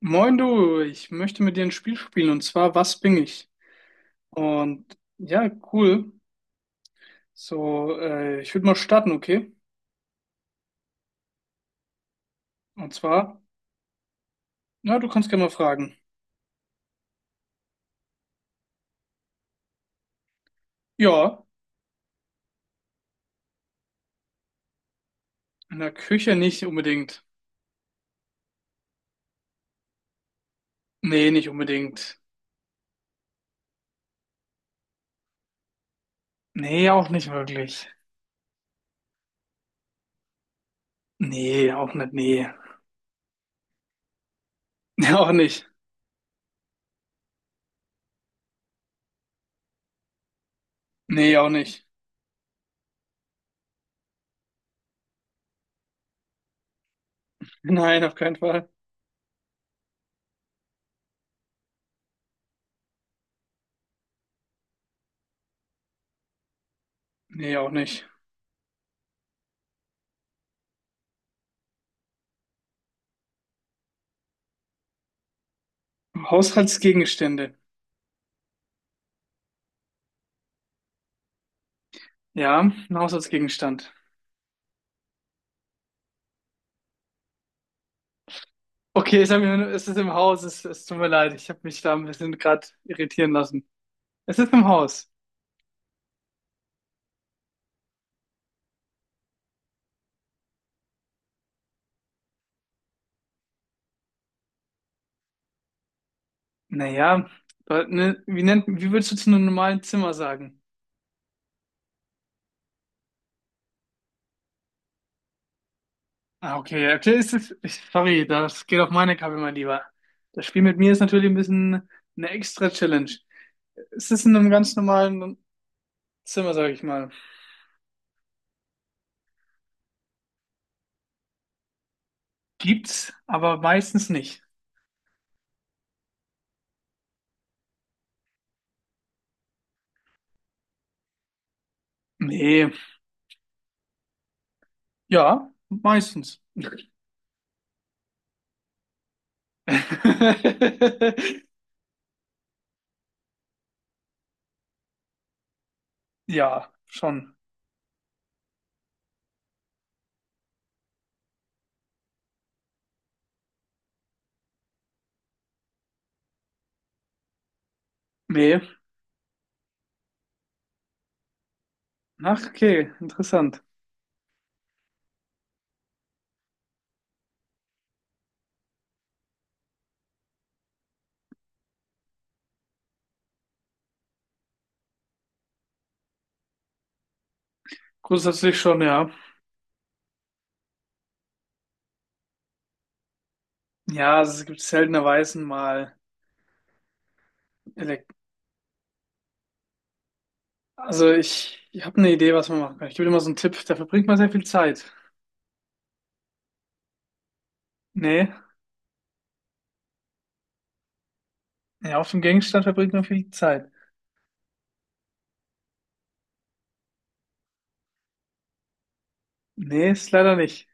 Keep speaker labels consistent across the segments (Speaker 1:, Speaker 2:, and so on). Speaker 1: Moin du, ich möchte mit dir ein Spiel spielen und zwar: Was bin ich? Und ja, cool. So, ich würde mal starten, okay? Und zwar, na, du kannst gerne mal fragen. Ja, in der Küche nicht unbedingt. Nee, nicht unbedingt. Nee, auch nicht wirklich. Nee, auch nicht, nee. Nee, auch nicht. Nee, auch nicht. Nein, auf keinen Fall. Nee, auch nicht. Haushaltsgegenstände. Ja, ein Haushaltsgegenstand. Okay, es ist im Haus, es tut mir leid, ich habe mich da ein bisschen gerade irritieren lassen. Es ist im Haus. Naja, ne, wie würdest du zu einem normalen Zimmer sagen? Ah, okay, okay, sorry, das geht auf meine Kappe, mein Lieber. Das Spiel mit mir ist natürlich ein bisschen eine extra Challenge. Es ist in einem ganz normalen Zimmer, sage ich mal. Gibt's, aber meistens nicht. Nee, ja, meistens. Ja, schon. Nee. Ach, okay, interessant. Grundsätzlich schon, ja. Ja, also es gibt seltenerweise mal Elekt also ich habe eine Idee, was man machen kann. Ich gebe dir mal so einen Tipp, da verbringt man sehr viel Zeit. Nee, ja, auf dem Gegenstand verbringt man viel Zeit. Nee, ist leider nicht.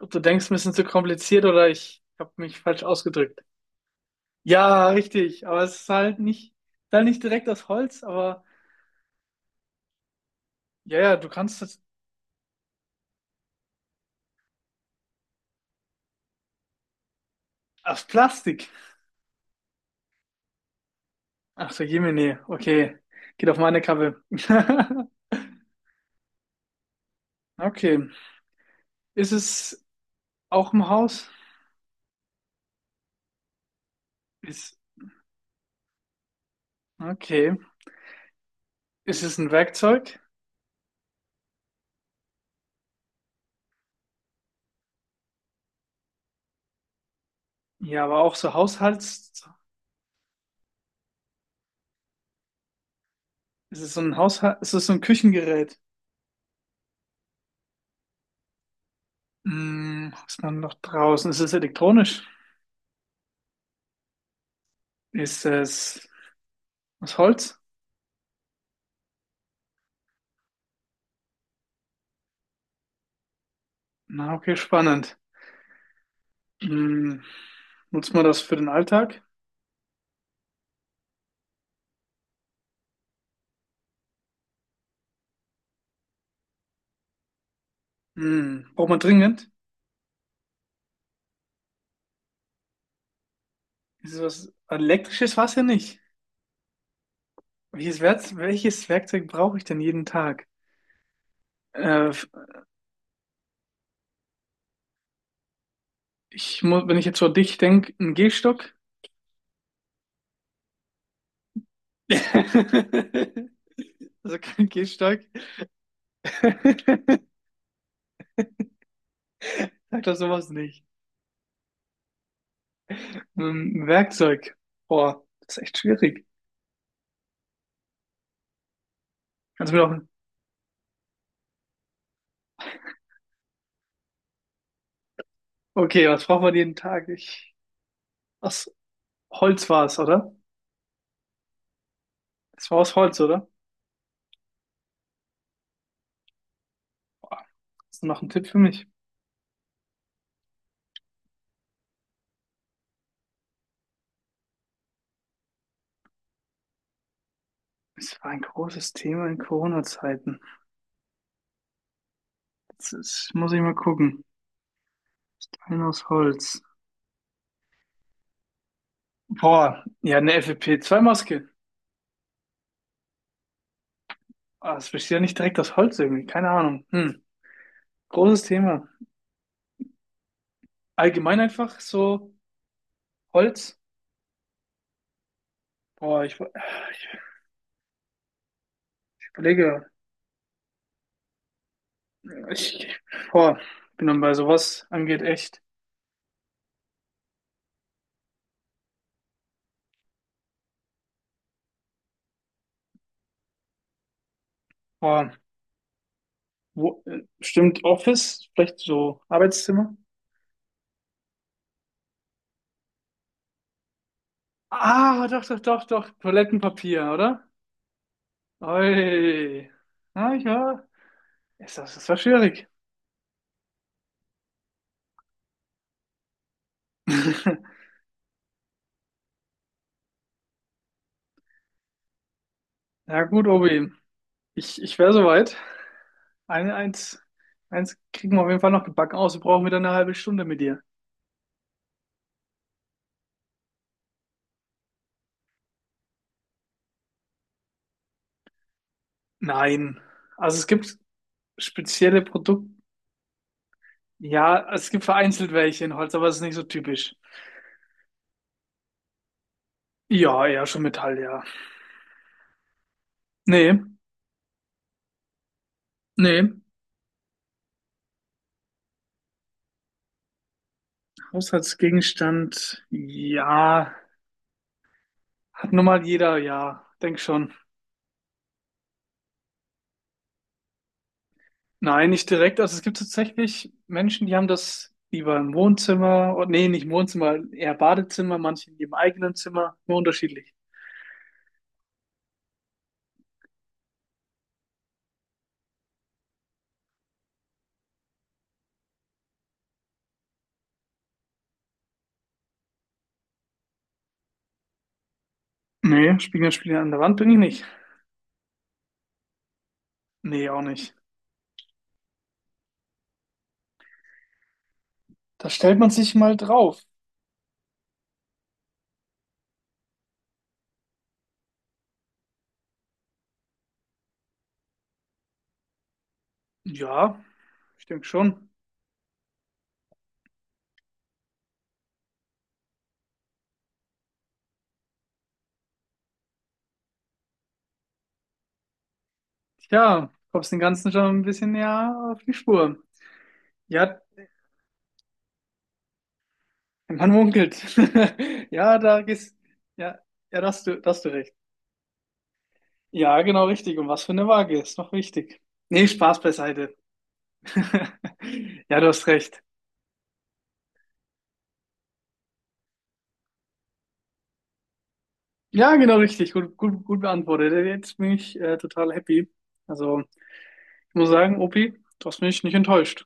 Speaker 1: Ob du denkst, ein bisschen zu kompliziert oder ich habe mich falsch ausgedrückt. Ja, richtig, aber es ist halt nicht, dann nicht direkt aus Holz, aber ja, du kannst es aus Plastik. Ach so, Jemine, okay. Geht auf meine Kappe. Okay. Ist es auch im Haus? Ist, okay. Ist es ein Werkzeug? Ja, aber auch so Haushalts. Ist es so ein Haushalt? Ist es so ein Küchengerät? Hm, was ist man noch draußen? Ist es elektronisch? Ist es aus Holz? Na, okay, spannend. Hm, nutzt man das für den Alltag? Hm, braucht man dringend? Ist es was elektrisches? War es ja nicht. Welches Werkzeug brauche ich denn jeden Tag? Äh, ich muss, wenn ich jetzt so an dich denke, ein Gehstock. Also kein Gehstock. Sag doch sowas nicht. Werkzeug. Boah, das ist echt schwierig. Kannst du mir noch. Okay, was braucht man jeden Tag? Ich. Aus Holz war es, oder? Es war aus Holz, oder? Boah, hast du noch einen Tipp für mich? Es war ein großes Thema in Corona-Zeiten. Jetzt ist, muss ich mal gucken. Stein aus Holz. Boah, ja, eine FFP2-Maske. Ah, das besteht ja nicht direkt aus Holz irgendwie. Keine Ahnung. Hm. Großes Thema. Allgemein einfach so Holz. Boah, ich überlege, ich, boah, bin dann bei sowas angeht echt. Boah, wo, bestimmt Office, vielleicht so Arbeitszimmer. Ah, doch, doch, doch, doch, Toilettenpapier, oder? Oi. Ah, ja. Ist das, das war schwierig. Ja, gut, Obi. Ich wäre soweit. Eine, eins, eins kriegen wir auf jeden Fall noch gebacken aus. Wir brauchen wieder eine halbe Stunde mit dir. Nein. Also es gibt spezielle Produkte. Ja, es gibt vereinzelt welche in Holz, aber es ist nicht so typisch. Ja, eher schon Metall, ja. Nee, nee. Haushaltsgegenstand, ja. Hat nun mal jeder, ja. Denk schon. Nein, nicht direkt. Also es gibt tatsächlich Menschen, die haben das lieber im Wohnzimmer. Oh, nee, nicht im Wohnzimmer, eher Badezimmer, manche in ihrem eigenen Zimmer. Nur unterschiedlich. Nee, Spiegel, an der Wand bin ich nicht. Nee, auch nicht. Da stellt man sich mal drauf. Ja, ich denke schon. Tja, kommst den Ganzen schon ein bisschen näher auf die Spur. Ja, man munkelt. Ja, da gehst, ja, ja, da hast du recht. Ja, genau richtig. Und was für eine Waage ist noch wichtig. Nee, Spaß beiseite. Ja, du hast recht. Ja, genau richtig. Gut, gut, gut beantwortet. Jetzt bin ich, total happy. Also, ich muss sagen, Opi, du hast mich nicht enttäuscht.